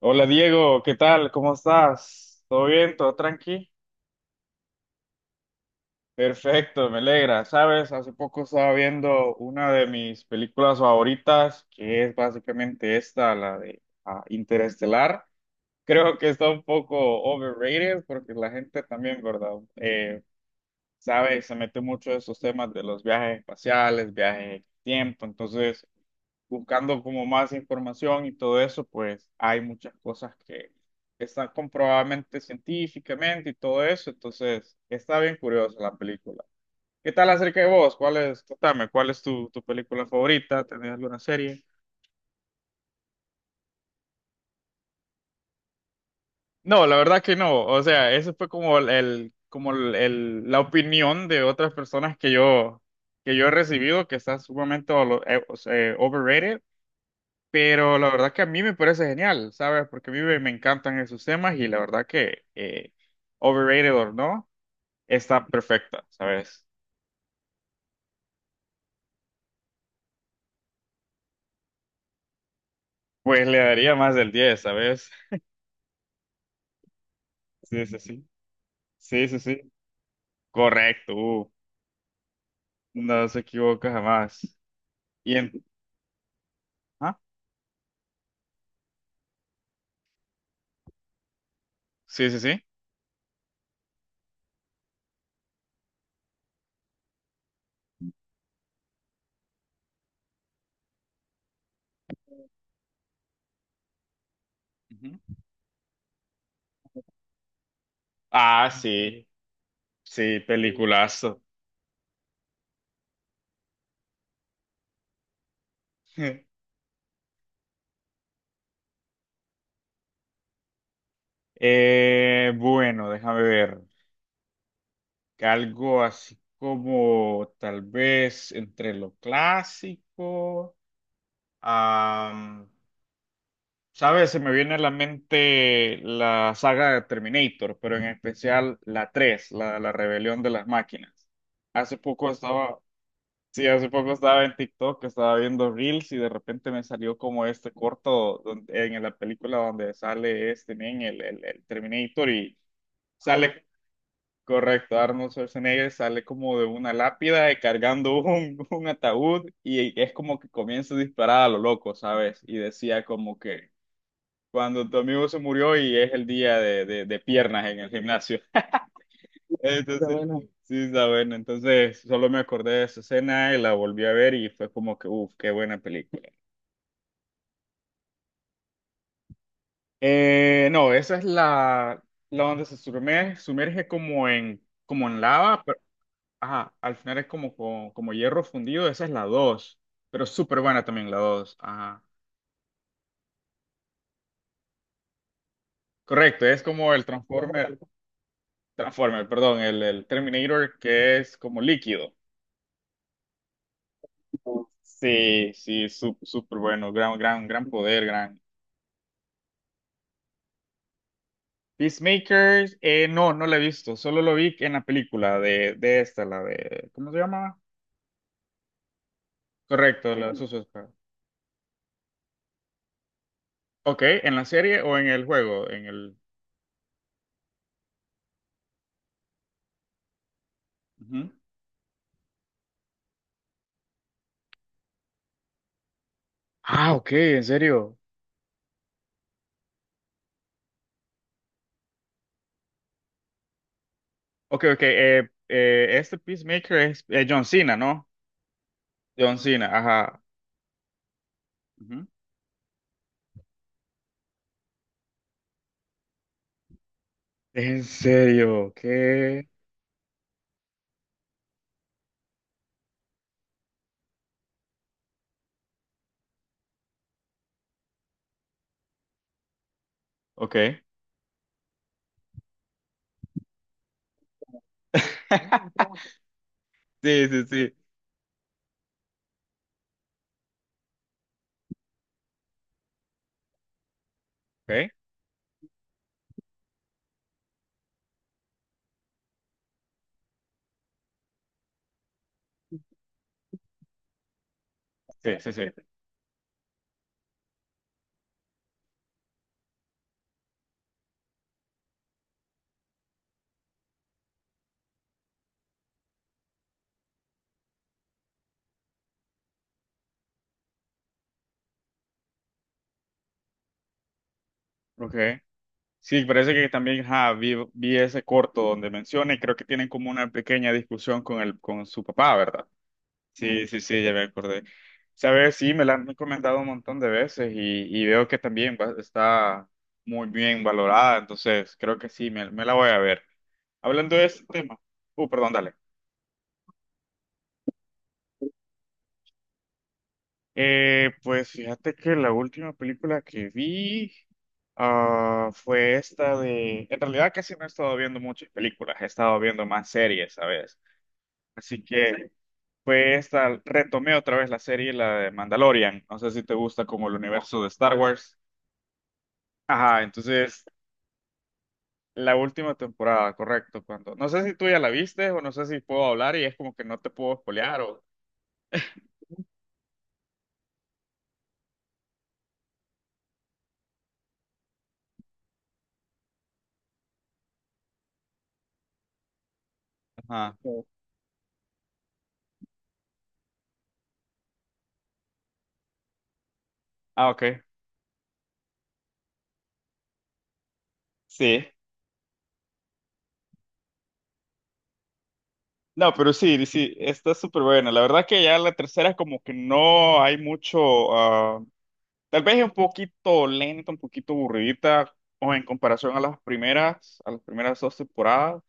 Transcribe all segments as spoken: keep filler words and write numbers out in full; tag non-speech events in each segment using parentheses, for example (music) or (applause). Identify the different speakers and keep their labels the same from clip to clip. Speaker 1: Hola Diego, ¿qué tal? ¿Cómo estás? ¿Todo bien? ¿Todo tranqui? Perfecto, me alegra. Sabes, hace poco estaba viendo una de mis películas favoritas, que es básicamente esta, la de ah, Interestelar. Creo que está un poco overrated porque la gente también, ¿verdad? Eh, sabe, se mete mucho en esos temas de los viajes espaciales, viajes en el tiempo. Entonces, buscando como más información y todo eso, pues hay muchas cosas que están comprobadamente científicamente y todo eso, entonces está bien curiosa la película. ¿Qué tal acerca de vos? ¿Cuál es, contame, cuál es tu, tu película favorita? ¿Tenés alguna serie? No, la verdad que no, o sea, eso fue como el, el- como el, el- la opinión de otras personas que yo, que yo he recibido que está sumamente valo- eh, o sea, overrated. Pero la verdad que a mí me parece genial, ¿sabes? Porque a mí me, me encantan esos temas y la verdad que eh, overrated o no, está perfecta, ¿sabes? Pues le daría más del diez, ¿sabes? Sí, sí, sí. Sí, sí, sí. Correcto. Uh, no se equivoca jamás. Y en... ¿Ah? Sí, sí, sí. Ujú. Ah, sí. Sí, peliculazo. (laughs) Eh, bueno, déjame ver. Algo así como tal vez entre lo clásico. Am, ¿Sabes? Se me viene a la mente la saga de Terminator, pero en especial la tres la, la rebelión de las máquinas. Hace poco estaba, sí, hace poco estaba en TikTok, estaba viendo Reels y de repente me salió como este corto donde- en la película donde sale este men, el, el, el Terminator y sale, correcto, Arnold Schwarzenegger sale como de una lápida y cargando un, un ataúd y es como que comienza a disparar a lo loco, ¿sabes? Y decía como que... Cuando tu amigo se murió y es el día de, de- de piernas en el gimnasio. (laughs) Está Entonces, bueno. Sí, está bueno. Entonces, solo me acordé de esa escena y la volví a ver y fue como que, uff, qué buena película. Eh, no, esa es la, la donde se sumerge, sumerge como en, como en lava, pero ajá, al final es como, como, como hierro fundido. Esa es la dos pero súper buena también la dos. Ajá. Correcto, es como el Transformer, Transformer, perdón, el, el Terminator que es como líquido. Sí, sí, sú- súper bueno, gran, gran, gran poder, gran. Peacemaker, eh, no, no la he visto, solo lo vi en la película de, de esta, la de, ¿cómo se llama? Correcto, la de Suicide Squad. Ok, ¿en la serie o en el juego? En el... Ujú. Ah, ok, en serio. Ok, ok, eh, eh, este Peacemaker es eh, John Cena, ¿no? John Cena, ajá. Ujú. En serio, ¿qué? Ok. (laughs) Sí, sí, sí. Ok, sí, sí, sí. Ok. Sí, parece que también ajá, vi, vi ese corto donde menciona y creo que tienen como una pequeña discusión con el, con su papá, ¿verdad? Sí, sí, sí, ya me acordé. Sabes, sí, me la han comentado un montón de veces y, y veo que también va- está muy bien valorada, entonces creo que sí, me, me la voy a ver. Hablando de ese tema, uh, perdón, dale. Eh, pues fíjate que la última película que vi ah, fue esta de... En realidad casi no he estado viendo muchas películas, he estado viendo más series, ¿sabes? Así que pues esta retomé otra vez la serie, la de Mandalorian. No sé si te gusta como el universo de Star Wars. Ajá, entonces la última temporada, correcto, cuando no sé si tú ya la viste o no sé si puedo hablar y es como que no te puedo spoilear o ajá. Ah, ok. Sí. No, pero sí, sí, está súper buena. La verdad que ya la tercera como que no hay mucho, ah, tal vez es un poquito lenta, un poquito aburridita o en comparación a las primeras, a las primeras dos temporadas.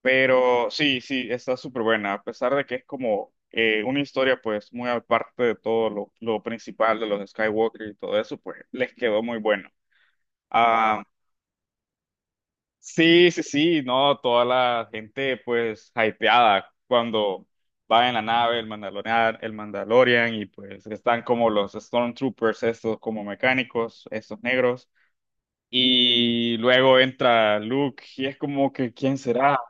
Speaker 1: Pero sí, sí, está súper buena, a pesar de que es como eh, una historia pues muy aparte de todo lo, lo principal de los Skywalker y todo eso, pues les quedó muy bueno. Ah, sí, sí, sí, no, toda la gente pues hypeada cuando va en la nave el Mandalorian, el Mandalorian y pues están como los Stormtroopers, estos como mecánicos, estos negros. Y luego entra Luke y es como que, ¿quién será?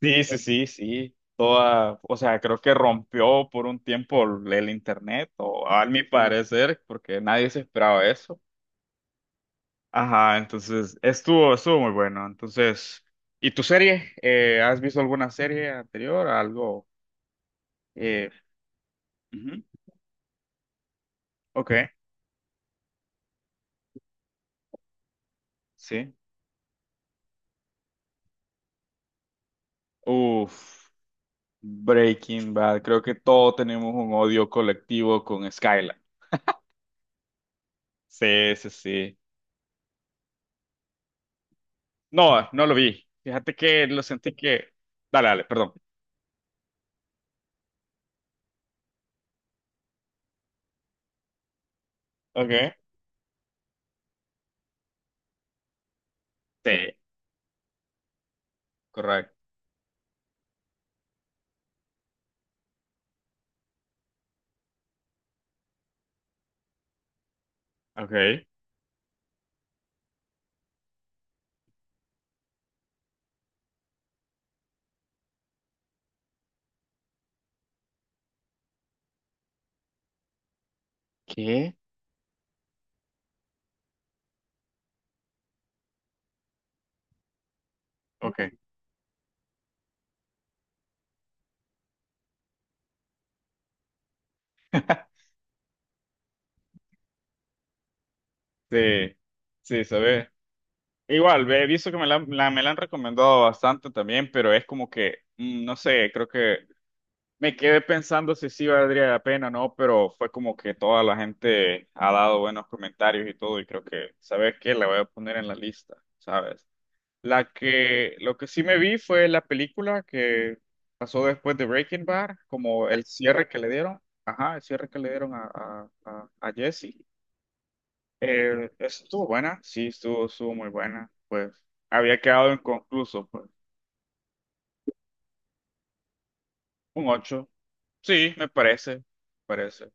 Speaker 1: Sí, sí, sí, sí. Toda, o sea, creo que rompió por un tiempo el, el internet, o a mi parecer, porque nadie se esperaba eso. Ajá, entonces estuvo, estuvo muy bueno. Entonces, ¿y tu serie? Eh, ¿has visto alguna serie anterior? Algo. Eh, ujú, ok, sí. Uf, Breaking Bad. Creo que todos tenemos un odio colectivo con Skylar. Sí, sí, sí. No, no lo vi. Fíjate que lo sentí que. Dale, dale, perdón. Ok. Sí, correcto. Ok. ¿Qué? Ok. (laughs) Sí, sí, sabes. Igual, ve, he visto que me la, la- me la han recomendado bastante también, pero es como que, mm, no sé, creo que me quedé pensando si sí valdría la pena o no, pero fue como que toda la gente ha dado buenos comentarios y todo, y creo que, ¿sabes qué? La voy a poner en la lista, ¿sabes? La que, lo que sí me vi fue la película que pasó después de Breaking Bad, como el cierre que le dieron, ajá, el cierre que le dieron a, a, a- a Jesse. Eh, estuvo buena, sí, estuvo, estuvo muy buena, pues había quedado inconcluso, pues un ocho sí, me parece, parece.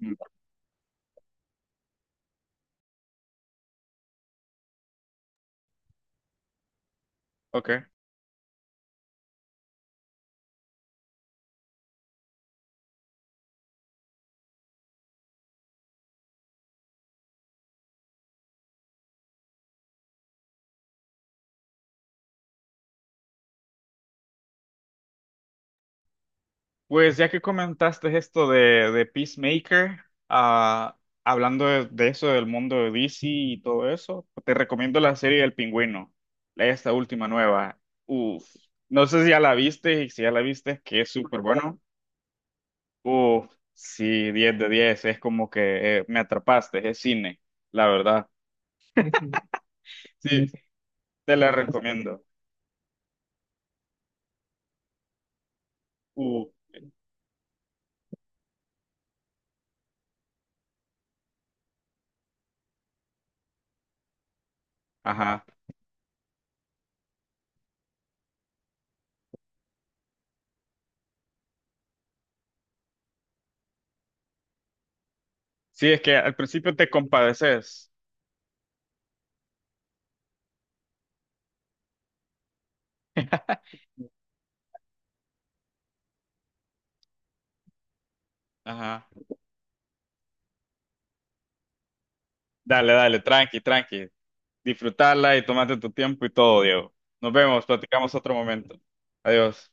Speaker 1: Mm, Ok. Pues ya que comentaste esto de, de Peacemaker, ah, hablando de, de eso del mundo de D C y todo eso, te recomiendo la serie del Pingüino, esta última nueva. Uf, no sé si ya la viste y si ya la viste es que es súper bueno. Uf, sí, diez de diez. Es como que eh, me atrapaste, es cine, la verdad. (laughs) Sí, te la recomiendo. Uh, ajá. Sí, es que al principio te compadeces. (laughs) Ajá. Dale, dale, tranqui, tranqui. Disfrutarla y tomarte tu tiempo y todo, Diego. Nos vemos, platicamos otro momento. Adiós.